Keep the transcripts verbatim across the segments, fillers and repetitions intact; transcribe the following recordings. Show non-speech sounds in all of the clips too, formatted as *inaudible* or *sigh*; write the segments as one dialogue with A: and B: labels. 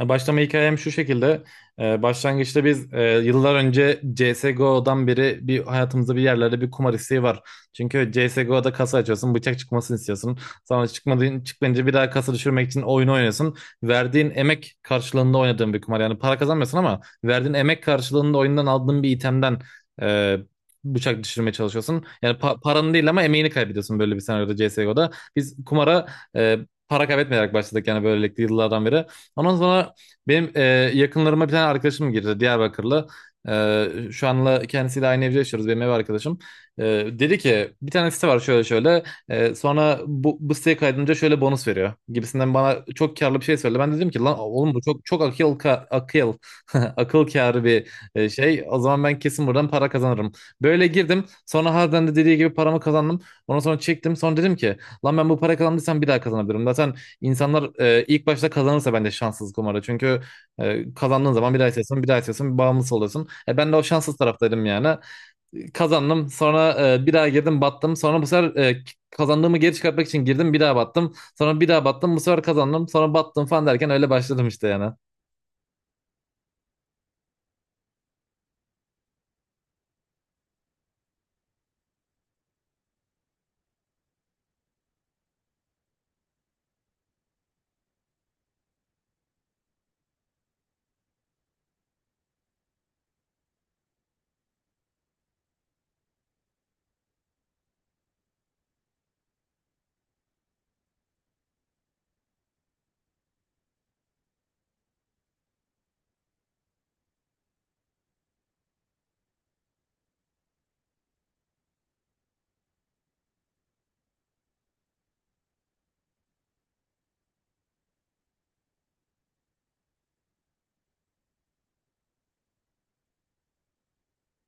A: Ya başlama hikayem şu şekilde. Ee, başlangıçta biz e, yıllar önce C S G O'dan beri bir hayatımızda bir yerlerde bir kumar isteği var. Çünkü C S G O'da kasa açıyorsun, bıçak çıkmasını istiyorsun. Sonra çıkmadığın, çıkmayınca bir daha kasa düşürmek için oyunu oynuyorsun. Verdiğin emek karşılığında oynadığın bir kumar. Yani para kazanmıyorsun ama verdiğin emek karşılığında oyundan aldığın bir itemden e, bıçak düşürmeye çalışıyorsun. Yani pa- paranı değil ama emeğini kaybediyorsun böyle bir senaryoda C S G O'da. Biz kumara e, para kaybetmeyerek başladık yani böylelikle yıllardan beri. Ondan sonra benim e, yakınlarıma bir tane arkadaşım girdi, Diyarbakırlı. E, Şu anla kendisiyle aynı evde yaşıyoruz, benim ev arkadaşım. E, Dedi ki bir tane site var, şöyle şöyle. E, sonra bu, bu siteye kaydınca şöyle bonus veriyor gibisinden bana çok karlı bir şey söyledi. Ben dedim ki lan oğlum bu çok çok akıl ka- akıl *laughs* akıl kârı bir e, şey. O zaman ben kesin buradan para kazanırım. Böyle girdim. Sonra harbiden de dediği gibi paramı kazandım. Ondan sonra çektim. Sonra dedim ki lan ben bu para kazandıysam bir daha kazanabilirim. Zaten İnsanlar e, ilk başta kazanırsa bence şanssız kumarı. Çünkü e, kazandığın zaman bir daha istiyorsun, bir daha istiyorsun, bir bağımlısı oluyorsun. E, ben de o şanssız taraftaydım yani. E, Kazandım, sonra e, bir daha girdim, battım. Sonra bu sefer e, kazandığımı geri çıkartmak için girdim, bir daha battım. Sonra bir daha battım, bu sefer kazandım, sonra battım falan derken öyle başladım işte yani.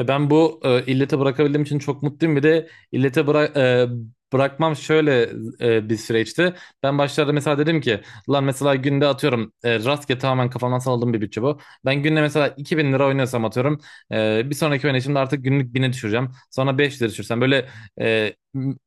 A: Ve ben bu e, illete bırakabildiğim için çok mutluyum. Bir de illete bıra- e, bırakmam şöyle e, bir süreçti. Ben başlarda mesela dedim ki lan mesela günde atıyorum e, rastgele tamamen kafamdan salladığım bir bütçe bu. Ben günde mesela iki bin lira oynuyorsam atıyorum e, bir sonraki oynayışımda artık günlük bine düşüreceğim. Sonra beş lira düşürsem böyle e,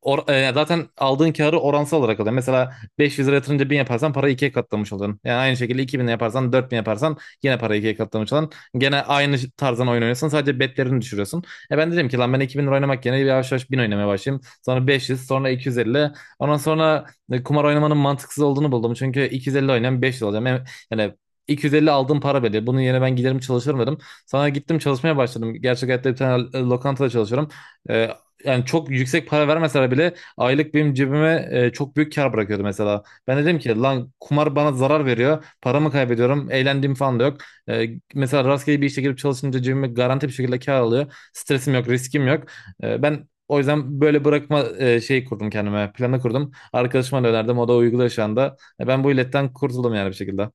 A: or- e, zaten aldığın karı oransal olarak alıyor. Mesela beş yüz lira yatırınca bin yaparsan parayı ikiye katlamış oluyorsun. Yani aynı şekilde iki bin yaparsan dört bin yaparsan yine parayı ikiye katlamış oluyorsun. Gene aynı tarzdan oyun oynuyorsun. Sadece betlerini düşürüyorsun. E ben dedim ki lan ben iki bin lira oynamak yerine bir yavaş yavaş bin oynamaya başlayayım. Sonra beş yüz, sonra iki yüz elli. Ondan sonra e, kumar oynamanın mantıksız olduğunu buldum. Çünkü iki yüz elli oynayan beş yüz olacağım. Yani yani iki yüz elli aldığım para belli. Bunun yerine ben giderim çalışırım dedim. Sonra gittim çalışmaya başladım. Gerçek hayatta bir tane e, lokantada çalışıyorum. E, Yani çok yüksek para vermeseler bile aylık benim cebime e, çok büyük kar bırakıyordu mesela. Ben dedim ki lan kumar bana zarar veriyor. Paramı kaybediyorum. Eğlendiğim falan da yok. E, Mesela rastgele bir işe girip çalışınca cebime garanti bir şekilde kar alıyor. Stresim yok, riskim yok. E, ben o yüzden böyle bırakma e, şeyi kurdum kendime, planı kurdum. Arkadaşıma da önerdim, o da uyguluyor şu anda. E, ben bu illetten kurtuldum yani bir şekilde.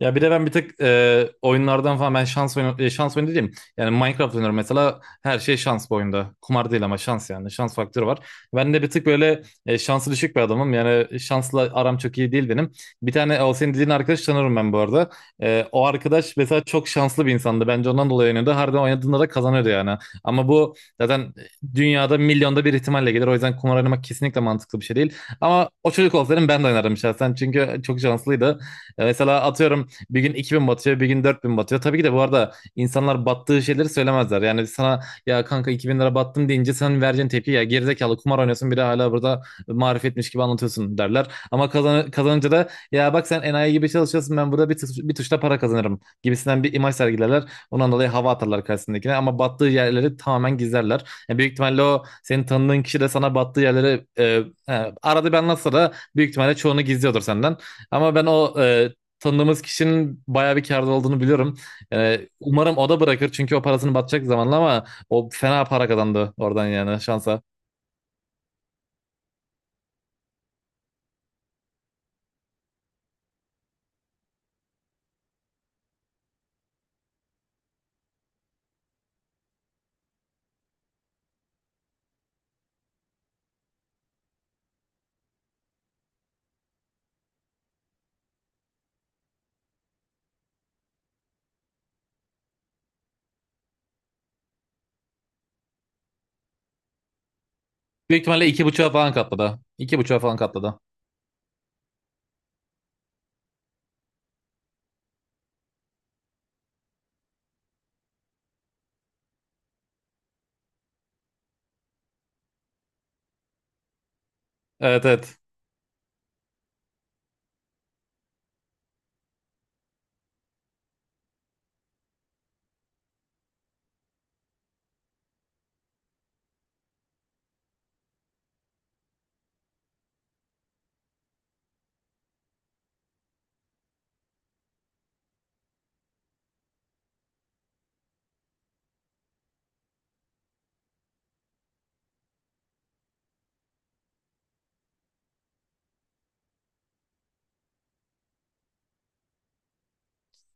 A: Ya bir de ben bir tık e, oyunlardan falan ben şans oyunu e, şans oyunu diyeyim. Yani Minecraft oynuyorum mesela, her şey şans bu oyunda. Kumar değil ama şans yani. Şans faktörü var. Ben de bir tık böyle e, şansı düşük bir adamım. Yani şansla aram çok iyi değil benim. Bir tane o senin dediğin arkadaş tanırım ben bu arada. E, o arkadaş mesela çok şanslı bir insandı. Bence ondan dolayı oynuyordu. Harbiden oynadığında da kazanıyordu yani. Ama bu zaten dünyada milyonda bir ihtimalle gelir. O yüzden kumar oynamak kesinlikle mantıklı bir şey değil. Ama o çocuk olsaydım ben de oynardım şahsen. Çünkü çok şanslıydı. E, mesela atıyorum bir gün iki bin batıyor, bir gün dört bin batıyor. Tabii ki de bu arada insanlar battığı şeyleri söylemezler. Yani sana ya kanka iki bin lira battım deyince senin vereceğin tepki, ya gerizekalı kumar oynuyorsun bir de hala burada marifetmiş gibi anlatıyorsun derler. Ama kazan kazanınca da ya bak sen enayi gibi çalışıyorsun, ben burada bir, tuş, bir tuşla para kazanırım gibisinden bir imaj sergilerler. Ondan dolayı hava atarlar karşısındakine ama battığı yerleri tamamen gizlerler. Yani büyük ihtimalle o senin tanıdığın kişi de sana battığı yerleri e, he, arada bir anlatsa da büyük ihtimalle çoğunu gizliyordur senden. Ama ben o e, tanıdığımız kişinin bayağı bir kârda olduğunu biliyorum. Yani umarım o da bırakır, çünkü o parasını batacak zamanla, ama o fena para kazandı oradan yani şansa. Büyük ihtimalle iki buçuğa falan katladı. İki buçuğa falan katladı. Evet, evet.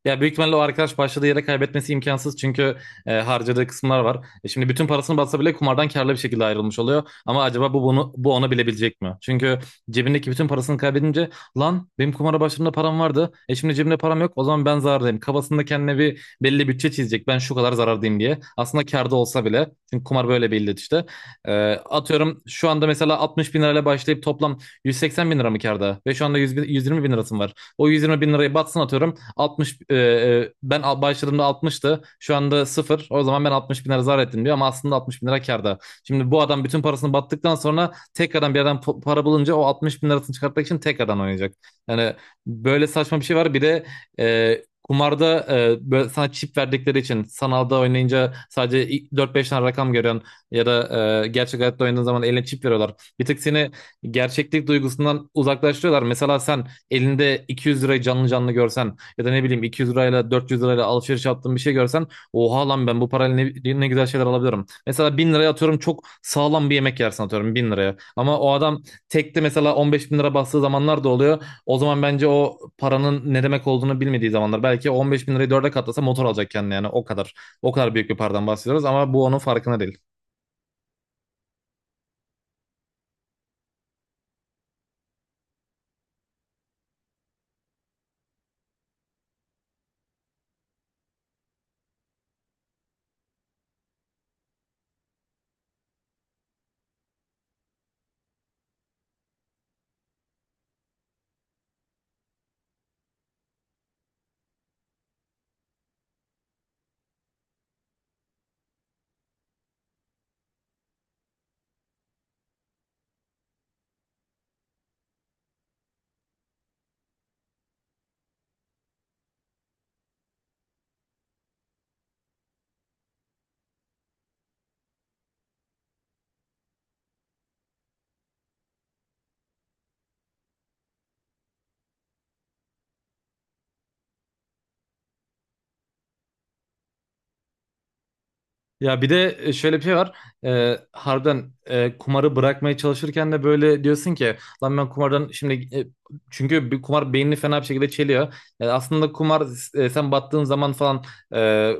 A: Ya büyük ihtimalle o arkadaş başladığı yere kaybetmesi imkansız, çünkü e, harcadığı kısımlar var. E, şimdi bütün parasını batsa bile kumardan karlı bir şekilde ayrılmış oluyor. Ama acaba bu bunu bu ona bilebilecek mi? Çünkü cebindeki bütün parasını kaybedince, lan benim kumara başladığımda param vardı. E şimdi cebimde param yok. O zaman ben zarardayım. Kafasında kendine bir belli bütçe çizecek. Ben şu kadar zarardayım diye. Aslında karda olsa bile. Çünkü kumar böyle bir illet işte. E, atıyorum şu anda mesela altmış bin lirayla başlayıp toplam yüz seksen bin lira mı karda? Ve şu anda yüz bin- yüz yirmi bin lirasım var. O yüz yirmi bin lirayı batsın atıyorum. Altmış, e, e, ben al- başladığımda altmıştı. Şu anda sıfır. O zaman ben altmış bin lira zarar ettim diyor ama aslında altmış bin lira kârda. Şimdi bu adam bütün parasını battıktan sonra tekrardan bir yerden para bulunca o altmış bin lirasını çıkartmak için tekrardan oynayacak. Yani böyle saçma bir şey var. Bir de e, kumarda e, böyle sana çip verdikleri için sanalda oynayınca sadece dört 4-5 tane rakam görüyorsun ya da e, gerçek hayatta oynadığın zaman eline çip veriyorlar. Bir tık seni gerçeklik duygusundan uzaklaştırıyorlar. Mesela sen elinde iki yüz lirayı canlı canlı görsen, ya da ne bileyim iki yüz lirayla dört yüz lirayla alışveriş yaptığın bir şey görsen, oha lan ben bu parayla ne, ne güzel şeyler alabilirim. Mesela bin liraya atıyorum çok sağlam bir yemek yersin atıyorum bin liraya. Ama o adam tekte mesela on beş bin lira bastığı zamanlar da oluyor. O zaman bence o paranın ne demek olduğunu bilmediği zamanlar. Belki on beş bin lirayı dörde katlasa motor alacak kendine yani o kadar. O kadar büyük bir paradan bahsediyoruz ama bu onun farkına değil. Ya bir de e, şöyle bir şey var. Ee, harbiden e, kumarı bırakmaya çalışırken de böyle diyorsun ki lan ben kumardan şimdi e, çünkü bir kumar beynini fena bir şekilde çeliyor. Yani aslında kumar e, sen battığın zaman falan e,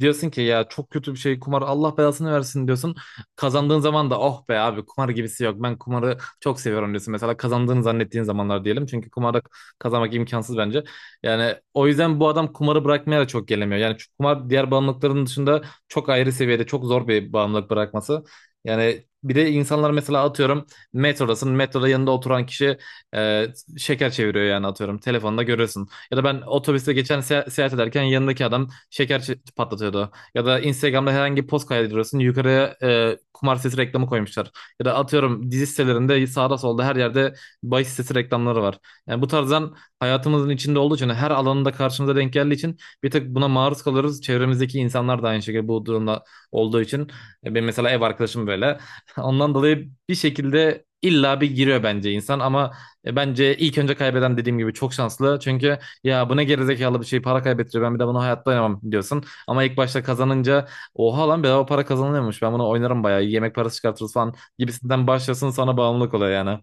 A: diyorsun ki ya çok kötü bir şey kumar, Allah belasını versin diyorsun. Kazandığın zaman da oh be abi kumar gibisi yok. Ben kumarı çok seviyorum diyorsun. Mesela kazandığını zannettiğin zamanlar diyelim. Çünkü kumarda kazanmak imkansız bence. Yani o yüzden bu adam kumarı bırakmaya da çok gelemiyor. Yani şu kumar diğer bağımlılıkların dışında çok ayrı seviyede, çok zor bir bağımlılık bırakması. Yani bir de insanlar mesela atıyorum, metrodasın. Metroda yanında oturan kişi e, şeker çeviriyor yani atıyorum. Telefonda görürsün. Ya da ben otobüste geçen se- seyahat ederken yanındaki adam şeker çe- patlatıyordu. Ya da Instagram'da herhangi bir post kaydediyorsun. Yukarıya e, kumar sitesi reklamı koymuşlar. Ya da atıyorum dizi sitelerinde sağda solda her yerde bahis sitesi reklamları var. Yani bu tarzdan hayatımızın içinde olduğu için, her alanında karşımıza denk geldiği için bir tık buna maruz kalırız. Çevremizdeki insanlar da aynı şekilde bu durumda olduğu için. E, Benim mesela ev arkadaşım böyle. *laughs* Ondan dolayı bir şekilde illa bir giriyor bence insan, ama e, bence ilk önce kaybeden dediğim gibi çok şanslı. Çünkü ya bu ne gerizekalı bir şey, para kaybettiriyor, ben bir de bunu hayatta oynamam diyorsun. Ama ilk başta kazanınca oha lan bedava para kazanılıyormuş, ben bunu oynarım bayağı yemek parası çıkartırız falan gibisinden başlasın sana bağımlılık oluyor yani.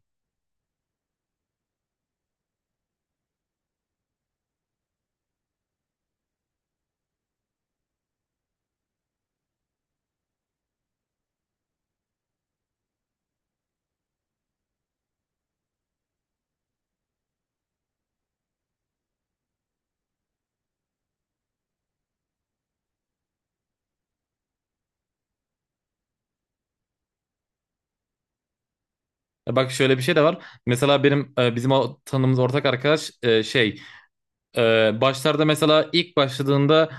A: E, Bak şöyle bir şey de var. Mesela benim e, bizim o tanıdığımız ortak arkadaş e, şey Ee, başlarda mesela ilk başladığında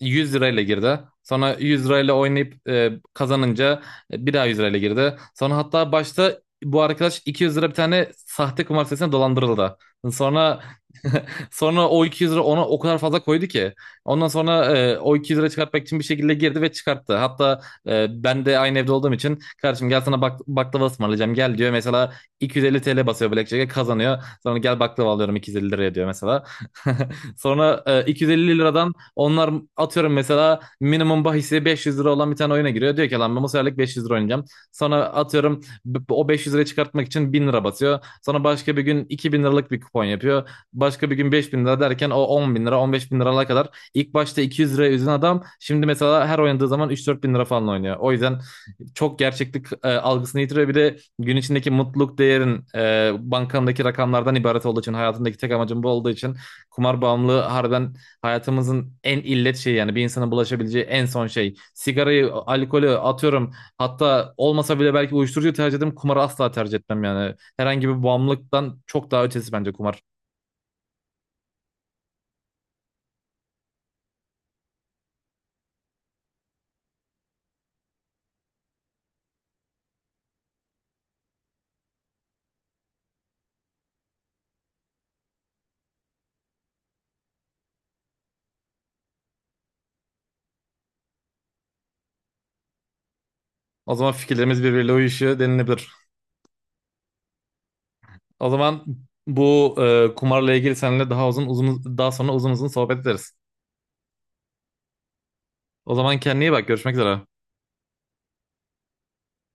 A: yüz lirayla girdi. Sonra yüz lirayla oynayıp e, kazanınca e, bir daha yüz lirayla girdi. Sonra hatta başta bu arkadaş iki yüz lira bir tane sahte kumar sitesine dolandırıldı. Sonra *laughs* sonra o iki yüz lira ona o kadar fazla koydu ki. Ondan sonra e, o iki yüz lira çıkartmak için bir şekilde girdi ve çıkarttı. Hatta e, ben de aynı evde olduğum için, kardeşim gel sana bak baklava ısmarlayacağım gel diyor. Mesela iki yüz elli T L basıyor Blackjack'e, kazanıyor. Sonra gel baklava alıyorum iki yüz elli liraya diyor mesela. *laughs* Sonra e, iki yüz elli liradan onlar, atıyorum mesela minimum bahisi beş yüz lira olan bir tane oyuna giriyor. Diyor ki lan ben bu seferlik beş yüz lira oynayacağım. Sonra atıyorum b- o beş yüz lirayı çıkartmak için bin lira basıyor. Sonra başka bir gün iki bin liralık bir kupon yapıyor. Başka bir gün beş bin lira derken o on bin lira on beş bin liralara kadar. İlk başta iki yüz liraya üzen adam şimdi mesela her oynadığı zaman üç dört bin lira falan oynuyor. O yüzden çok gerçeklik e, algısını yitiriyor. Bir de gün içindeki mutluluk değerin e, bankandaki rakamlardan ibaret olduğu için, hayatındaki tek amacın bu olduğu için kumar bağımlılığı harbiden hayatımızın en illet şeyi yani, bir insana bulaşabileceği en son şey. Sigarayı, alkolü atıyorum. Hatta olmasa bile belki uyuşturucu tercih ederim. Kumarı asla tercih etmem yani. Herhangi bir bağımlılıktan çok daha ötesi bence kumar. O zaman fikirlerimiz birbiriyle uyuşuyor denilebilir. O zaman bu e, kumarla ilgili seninle daha uzun uzun, daha sonra uzun uzun sohbet ederiz. O zaman kendine iyi bak. Görüşmek üzere.